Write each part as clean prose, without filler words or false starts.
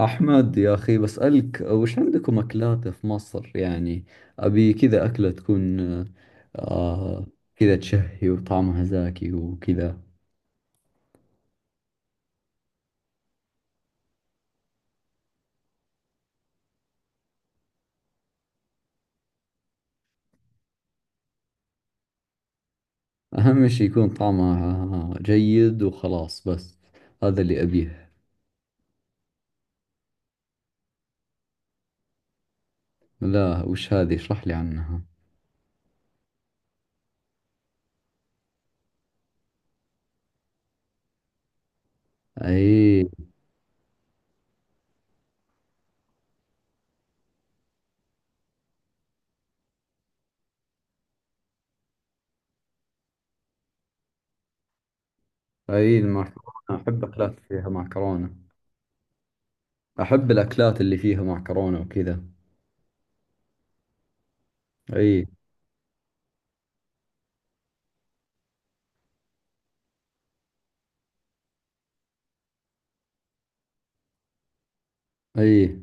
أحمد يا أخي، بسألك وش عندكم أكلات في مصر؟ يعني أبي كذا أكلة تكون آه كذا، تشهي وطعمها زاكي وكذا. أهم شي يكون طعمها جيد وخلاص، بس هذا اللي أبيه. لا، وش هذه؟ اشرح لي عنها. أي. أي، المعكرونة أحب أكلات فيها معكرونة. أحب الأكلات اللي فيها معكرونة وكذا. أي، أي،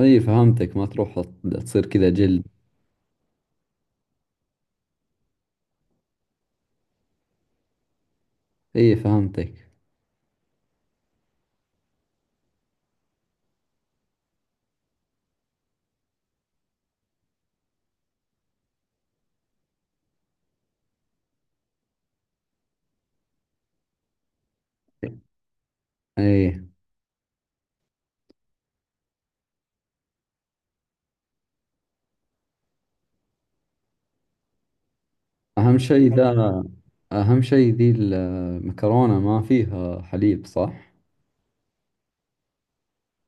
أي، فهمتك. ما تروح، تصير كذا جلد. أي، فهمتك. ايه، اهم شيء حلو ذا. اهم شيء ذي المكرونة ما فيها حليب، صح؟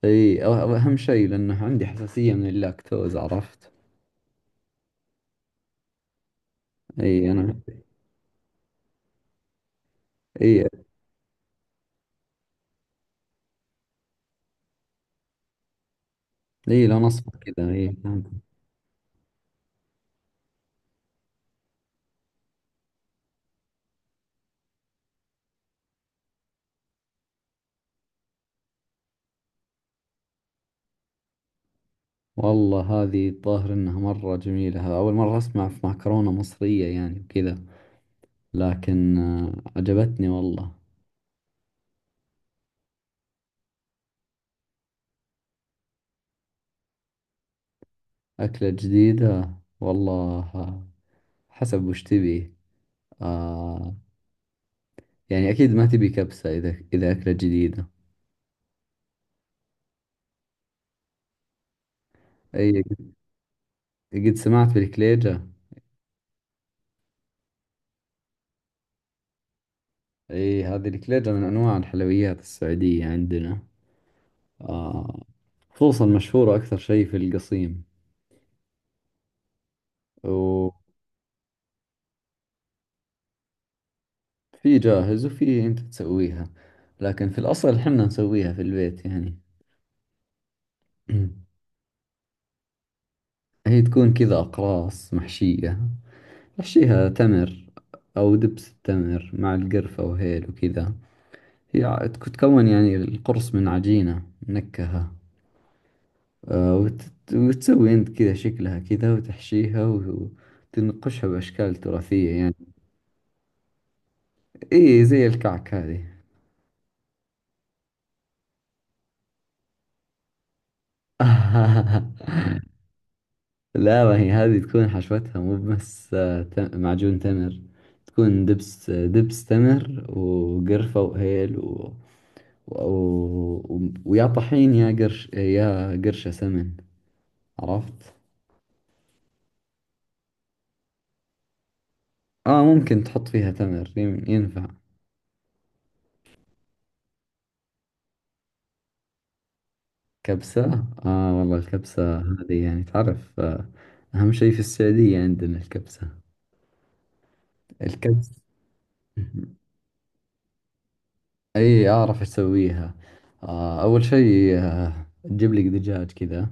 اي، اهم شيء لانه عندي حساسية من اللاكتوز، عرفت؟ اي، انا. اي، اي، لا، نصفة كذا. اي. والله، هذه الظاهر انها مرة جميلة. اول مرة اسمع في مكرونة مصرية يعني وكذا، لكن عجبتني والله. اكلة جديدة. والله، حسب وش تبي. آه يعني اكيد ما تبي كبسة، اذا اكلة جديدة. اي، قد سمعت بالكليجة. اي، هذه الكليجة من انواع الحلويات السعودية عندنا. آه خصوصا مشهورة اكثر شيء في القصيم، وفي... جاهز وفي انت تسويها، لكن في الاصل حنا نسويها في البيت يعني. هي تكون كذا اقراص محشية، نحشيها تمر او دبس التمر مع القرفة وهيل وكذا. هي تكون يعني القرص من عجينة منكهة. وتسوي أنت كذا شكلها كذا وتحشيها وتنقشها بأشكال تراثية يعني. إيه، زي الكعك هذه. لا، ما هي هذه تكون حشوتها مو بس معجون تمر. تكون دبس دبس تمر وقرفة وهيل و... ويا طحين، يا قرش، يا قرشة سمن، عرفت؟ اه، ممكن تحط فيها تمر، ينفع. كبسة. والله الكبسة هذه يعني تعرف. أهم شيء في السعودية عندنا الكبسة، الكبسة. أي، أعرف إيش أسويها. أول شيء تجيب لك دجاج كذا،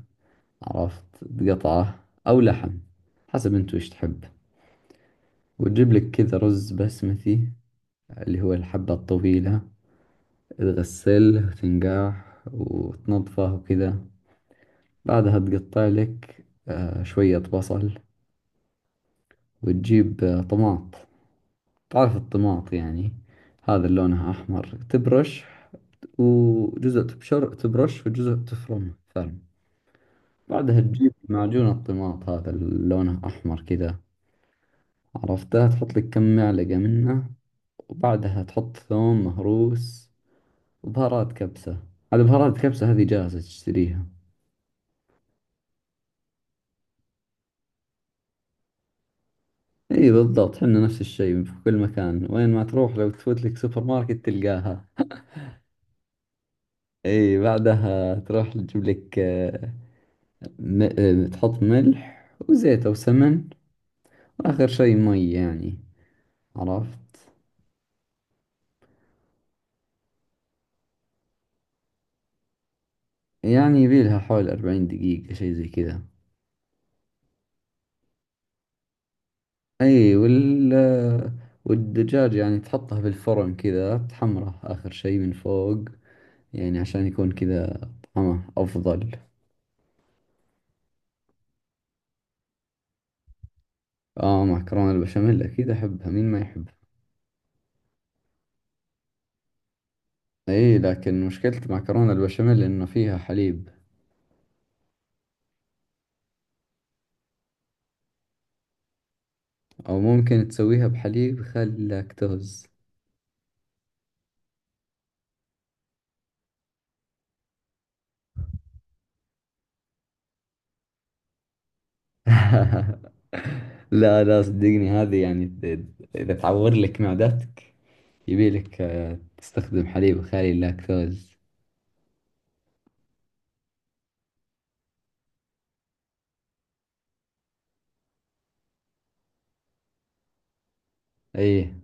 عرفت؟ تقطعه أو لحم، حسب أنت وش تحب. وتجيب لك كذا رز بسمتي، اللي هو الحبة الطويلة. تغسله وتنقعه وتنظفه وكذا. بعدها تقطع لك شوية بصل. وتجيب طماط. تعرف الطماط يعني؟ هذا اللي لونها أحمر، تبرش وجزء، تبرش وجزء تفرمه ثلم. بعدها تجيب معجون الطماط، هذا اللي لونه أحمر كذا، عرفته؟ تحط لك كم معلقة منه. وبعدها تحط ثوم مهروس، وبهارات كبسة. على بهارات كبسة هذه جاهزة، تشتريها. اي، بالضبط، حنا نفس الشيء في كل مكان، وين ما تروح لو تفوت لك سوبر ماركت تلقاها. اي، بعدها تروح تجيب لك، آه، م... آه، تحط ملح وزيت أو سمن. وآخر شي مي يعني، عرفت؟ يعني يبيلها حول 40 دقيقة، شي زي كذا. أي، والدجاج يعني تحطه بالفرن كذا، تحمره آخر شي من فوق، يعني عشان يكون كذا طعمه أفضل. آه، معكرونة البشاميل أكيد أحبها، مين ما يحبها. أي، لكن مشكلة معكرونة البشاميل إنه فيها حليب. أو ممكن تسويها بحليب خلاكتوز. لا، لا، صدقني، هذه يعني إذا تعور لك معدتك، يبيلك تستخدم حليب خالي اللاكتوز. أي،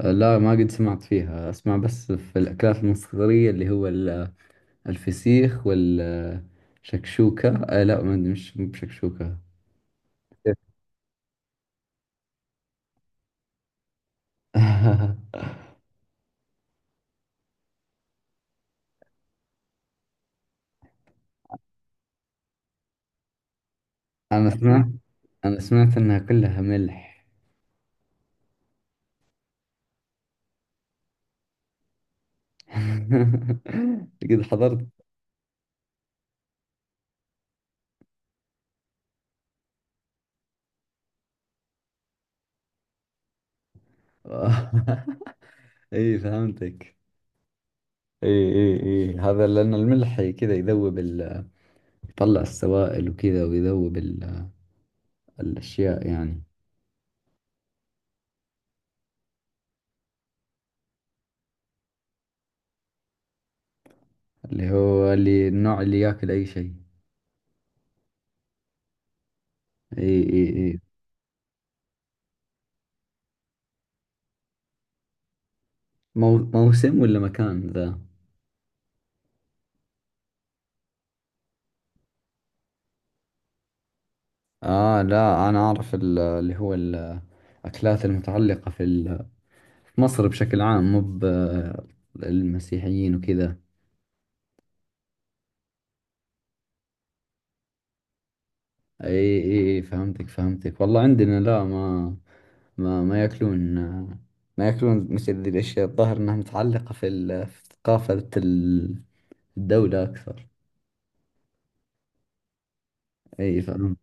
لا، ما قد سمعت فيها، أسمع بس في الأكلات المصرية، اللي هو الفسيخ والشكشوكة. لا، ما أدري، مش مو بشكشوكة. أنا سمعت أنا سمعت إنها كلها ملح. قد حضرت. إي، فهمتك. إي، إي، إي، هذا لأن الملح كذا يذوب، يطلع السوائل وكذا، ويذوب الأشياء يعني. اللي النوع اللي ياكل أي شيء. إي، إي، إي. مو موسم ولا مكان ذا. لا، أنا أعرف ال- اللي هو الأكلات المتعلقة في مصر بشكل عام، مو المسيحيين وكذا. إي، إي، إي، فهمتك، والله عندنا، لا، ما ما ياكلون ما ياكلون مثل ذي الأشياء. الظاهر أنها متعلقة في ثقافة الدولة أكثر. اي، فهمت.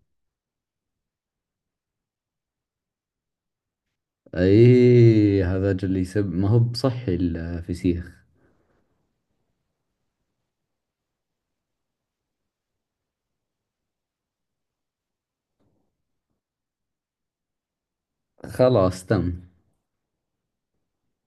ايه، هذا اللي يسب، ما هو بصحي الفسيخ. خلاص، تم.